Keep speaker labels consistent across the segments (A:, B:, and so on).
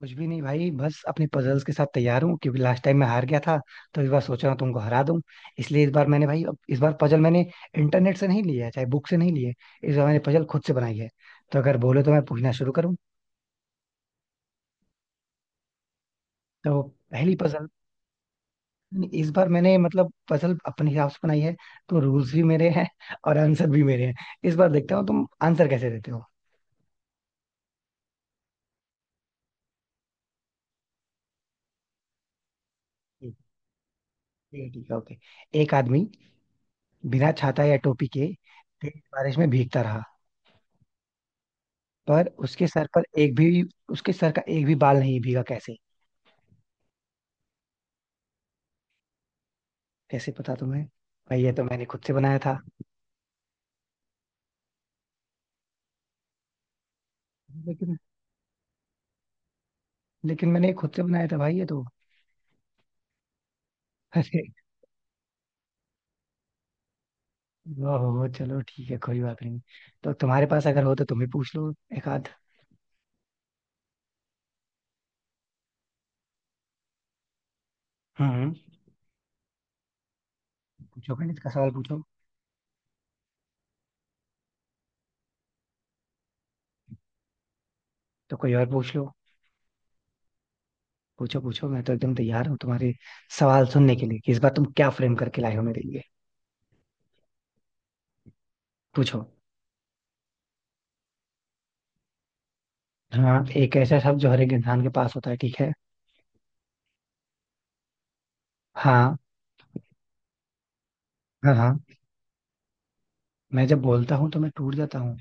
A: कुछ भी नहीं भाई, बस अपने पजल्स के साथ तैयार हूँ क्योंकि लास्ट टाइम मैं हार गया था। तो इस बार सोच रहा हूँ तुमको हरा दूं। इसलिए इस बार मैंने भाई अब इस बार पजल मैंने इंटरनेट से नहीं लिया है, चाहे बुक से नहीं लिए। इस बार मैंने पजल खुद से बनाई है। तो अगर बोले तो मैं पूछना शुरू करूँ? तो पहली पजल। इस बार मैंने मतलब पजल अपने हिसाब से बनाई है, तो रूल्स भी मेरे हैं और आंसर भी मेरे हैं। इस बार देखता हूँ तुम आंसर कैसे देते हो। ठीक, ठीक है, ठीक है, ओके। एक आदमी बिना छाता या टोपी के तेज बारिश में भीगता रहा, पर उसके सर पर एक भी, उसके सर का एक भी बाल नहीं भीगा, कैसे? कैसे पता तुम्हें? भाई ये तो मैंने खुद से बनाया था। लेकिन लेकिन मैंने खुद से बनाया था भाई ये तो। अरे। ओहो, चलो ठीक है, कोई बात नहीं। तो तुम्हारे पास अगर हो तो तुम ही पूछ लो। एक आध। हम्म। पूछो गणित का सवाल पूछो। तो कोई और पूछ लो। पूछो पूछो, मैं तो एकदम तैयार हूँ तुम्हारे सवाल सुनने के लिए कि इस बार तुम क्या फ्रेम करके लाए हो मेरे लिए। पूछो। हाँ, एक ऐसा शब्द जो हर एक इंसान के पास होता है, ठीक है। हाँ हाँ। हाँ, मैं जब बोलता हूँ तो मैं टूट जाता हूँ।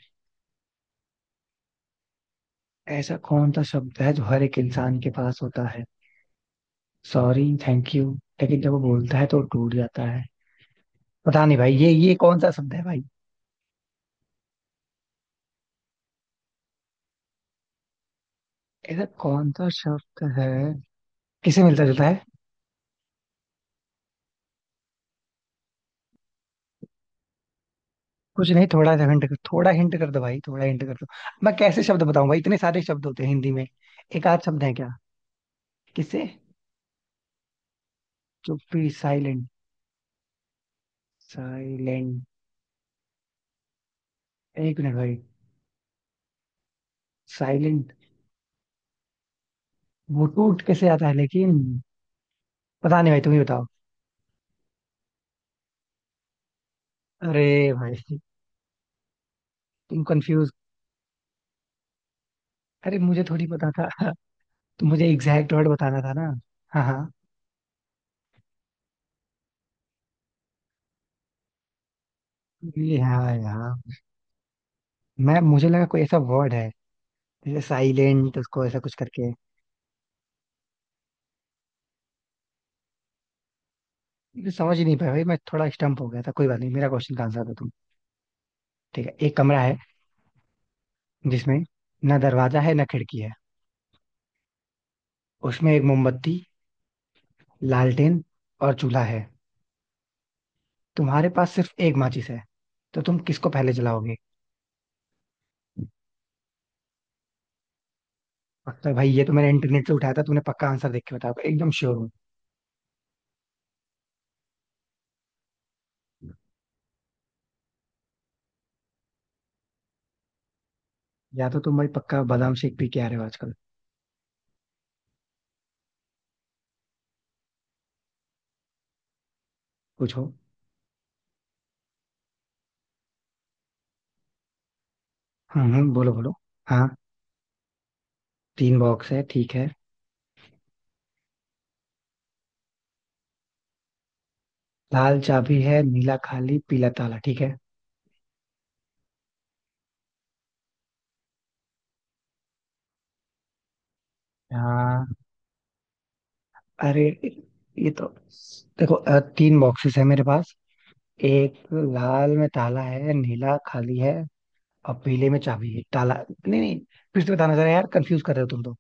A: ऐसा कौन सा शब्द है जो हर एक इंसान के पास होता है? Sorry, thank you. लेकिन जब वो बोलता है तो वो टूट जाता है। पता नहीं भाई ये कौन सा शब्द है भाई? ऐसा कौन सा शब्द है? किसे मिलता जुलता है? कुछ नहीं, थोड़ा सा हिंट कर, थोड़ा हिंट कर दो भाई, थोड़ा हिंट कर दो। मैं कैसे शब्द बताऊं भाई, इतने सारे शब्द होते हैं हिंदी में। एक आध शब्द है क्या? किससे? चुप्पी, साइलेंट। साइलेंट। एक मिनट भाई। साइलेंट। वो टूट कैसे आता है लेकिन? पता नहीं भाई, तुम ही बताओ। अरे भाई। तुम कंफ्यूज। अरे मुझे थोड़ी पता था। तो मुझे एग्जैक्ट वर्ड बताना था ना। हाँ हाँ। ये हाँ यहाँ। मैं मुझे लगा कोई ऐसा वर्ड है जैसे साइलेंट उसको ऐसा कुछ करके। मुझे समझ ही नहीं पाया भाई, मैं थोड़ा स्टम्प हो गया था, कोई बात नहीं, मेरा क्वेश्चन का आंसर दो तुम। ठीक है, एक कमरा है जिसमें ना दरवाजा है ना खिड़की है। उसमें एक मोमबत्ती, लालटेन और चूल्हा है। तुम्हारे पास सिर्फ एक माचिस है, तो तुम किसको पहले जलाओगे? पक्का भाई, ये तो मैंने इंटरनेट से उठाया था, तुमने पक्का आंसर देख के बताया होगा, एकदम श्योर हूँ। या तो तुम भाई पक्का बादाम शेक पी के आ रहे हो आजकल। पूछो। हाँ हाँ बोलो बोलो। हाँ, तीन बॉक्स है, ठीक है। लाल चाबी है, नीला खाली, पीला ताला, ठीक है। हाँ। अरे, ये तो। देखो तीन बॉक्सेस है मेरे पास। एक, लाल में ताला है, नीला खाली है, और पीले में चाबी है, ताला। नहीं नहीं, फिर से बताना जरा यार, कंफ्यूज कर रहे हो तुम तो।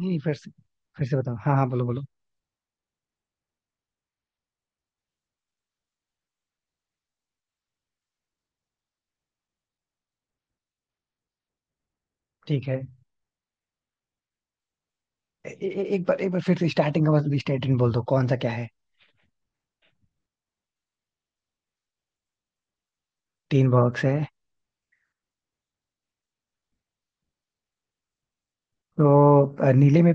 A: नहीं नहीं, फिर से। फिर से बताओ, हाँ हाँ बोलो बोलो। ठीक है। ए, ए, ए- एक बार, एक बार फिर से स्टार्टिंग का बस स्टेटमेंट बोल दो कौन सा क्या है। तीन बॉक्स है। तो नीले में,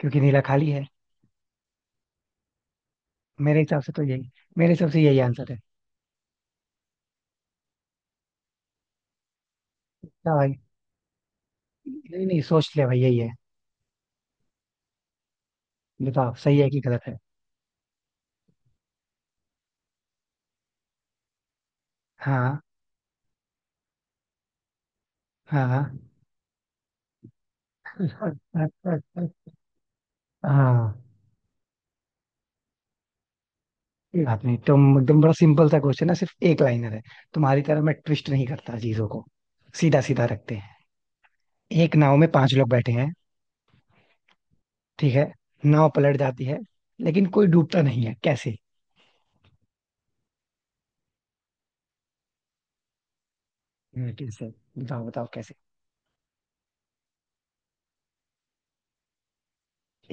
A: क्योंकि नीला खाली है। मेरे हिसाब से तो यही, मेरे हिसाब से यही आंसर है। क्या भाई? नहीं नहीं, सोच ले भाई, यही है। बताओ सही है कि गलत है। हाँ, हाँ, हाँ, हाँ, कोई बात नहीं। तुम एकदम, बड़ा सिंपल सा क्वेश्चन है, सिर्फ एक लाइनर है। तुम्हारी तरह मैं ट्विस्ट नहीं करता चीजों को। सीधा सीधा रखते हैं। एक नाव में पांच लोग बैठे हैं, ठीक है। नाव पलट जाती है लेकिन कोई डूबता नहीं है, कैसे? कैसे? बताओ बताओ कैसे।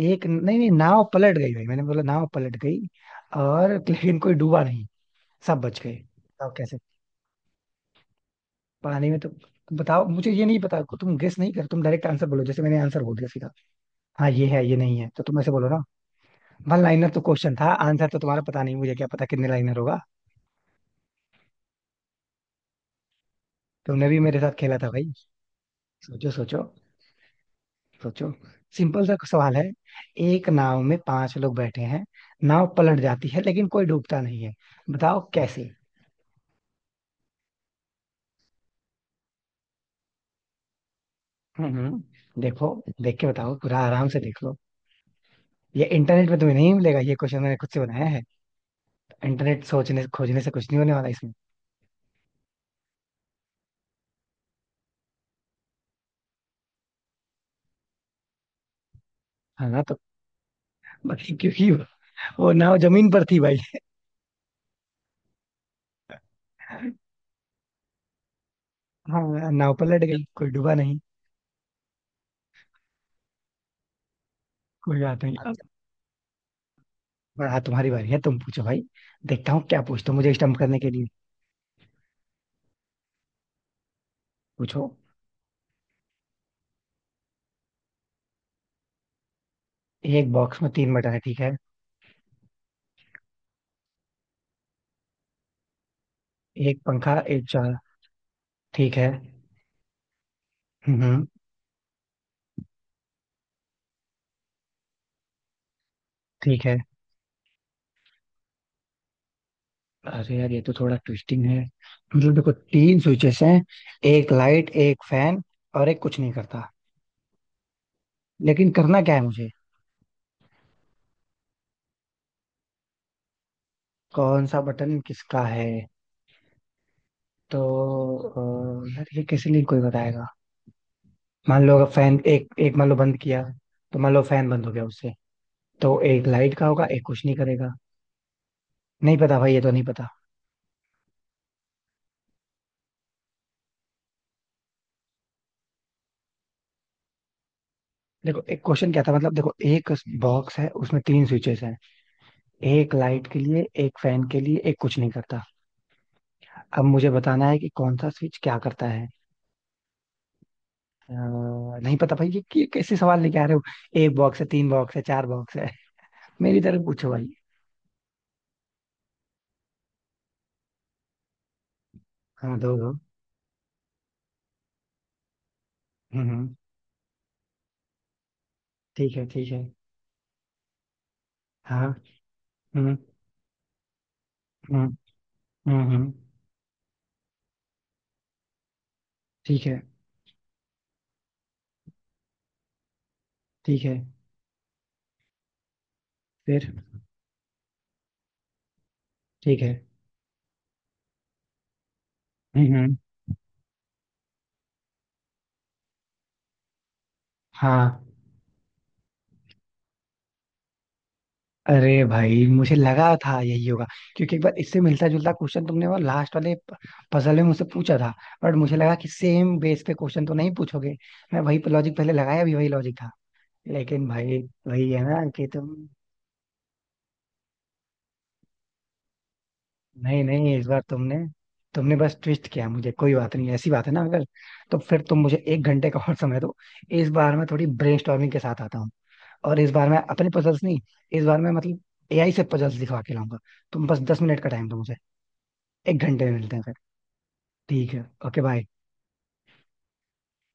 A: एक, नहीं नहीं, नाव पलट गई भाई, मैंने बोला नाव पलट गई और लेकिन कोई डूबा नहीं, सब बच गए, बताओ कैसे। पानी में तो। बताओ मुझे, ये नहीं पता तुम गेस नहीं कर, तुम डायरेक्ट आंसर बोलो जैसे मैंने आंसर बोल दिया सीधा। हाँ ये है, ये नहीं है, तो तुम ऐसे बोलो ना। वन लाइनर तो क्वेश्चन था, आंसर तो तुम्हारा पता नहीं, मुझे क्या पता कितने लाइनर होगा। तुमने भी मेरे साथ खेला था भाई। सोचो सोचो। सोचो। सिंपल सा सवाल है, एक नाव में पांच लोग बैठे हैं, नाव पलट जाती है लेकिन कोई डूबता नहीं है, बताओ कैसे। हम्म हम्म, देखो। देख के बताओ, पूरा आराम से देख लो। ये इंटरनेट पे तुम्हें नहीं मिलेगा, ये क्वेश्चन मैंने खुद से बनाया है। इंटरनेट सोचने खोजने से कुछ नहीं होने वाला इसमें। है ना, तो बाकी क्योंकि वो नाव जमीन पर थी भाई। हाँ, नाव पलट गई, कोई डूबा नहीं। कोई बात नहीं अब। हाँ, तुम्हारी बारी है, तुम पूछो भाई। देखता हूँ क्या पूछते हो मुझे स्टम्प करने के लिए। पूछो। एक बॉक्स में तीन बटन है, ठीक है। एक पंखा, एक चाल। ठीक है। हम्म हम्म, ठीक है। अरे यार, ये तो थोड़ा ट्विस्टिंग है। मतलब देखो तीन स्विचेस हैं, एक लाइट, एक फैन, और एक कुछ नहीं करता। लेकिन करना क्या है मुझे? कौन सा बटन किसका है? तो यार ये किसी लिए कोई बताएगा। मान लो अगर फैन एक एक मान लो बंद किया, तो मान लो फैन बंद हो गया उससे, तो एक लाइट का होगा, एक कुछ नहीं करेगा। नहीं पता भाई, ये तो नहीं पता। देखो एक क्वेश्चन क्या था, मतलब देखो एक बॉक्स है उसमें तीन स्विचेस हैं, एक लाइट के लिए, एक फैन के लिए, एक कुछ नहीं करता। अब मुझे बताना है कि कौन सा स्विच क्या करता है। नहीं पता भाई ये कैसे सवाल लेके आ रहे हो। एक बॉक्स है, तीन बॉक्स है, चार बॉक्स है। मेरी तरफ पूछो भाई। हाँ दो दो। हम्म हम्म, ठीक है ठीक है। हाँ। हम्म। हुँ, हुँ, हुँ। ठीक है, ठीक है, फिर? ठीक है। हुँ, हुँ। हाँ, अरे भाई मुझे लगा था यही होगा, क्योंकि एक बार इससे मिलता-जुलता क्वेश्चन तुमने वो लास्ट वाले पजल में मुझसे पूछा था। बट मुझे लगा कि सेम बेस पे क्वेश्चन तो नहीं पूछोगे। मैं वही लॉजिक पहले लगाया, भी वही लॉजिक था। लेकिन भाई, वही है ना कि तुम, नहीं नहीं इस बार तुमने तुमने बस ट्विस्ट किया, मुझे कोई बात नहीं ऐसी बात है ना, अगर तो फिर तुम मुझे एक घंटे का और समय दो। इस बार मैं थोड़ी ब्रेनस्टॉर्मिंग के साथ आता हूँ। और इस बार मैं अपने पजल्स नहीं, इस बार मैं मतलब एआई से पजल्स दिखवा के लाऊंगा। तुम बस 10 मिनट का टाइम दो मुझे। एक घंटे में मिलते हैं फिर। ठीक है, ओके बाय।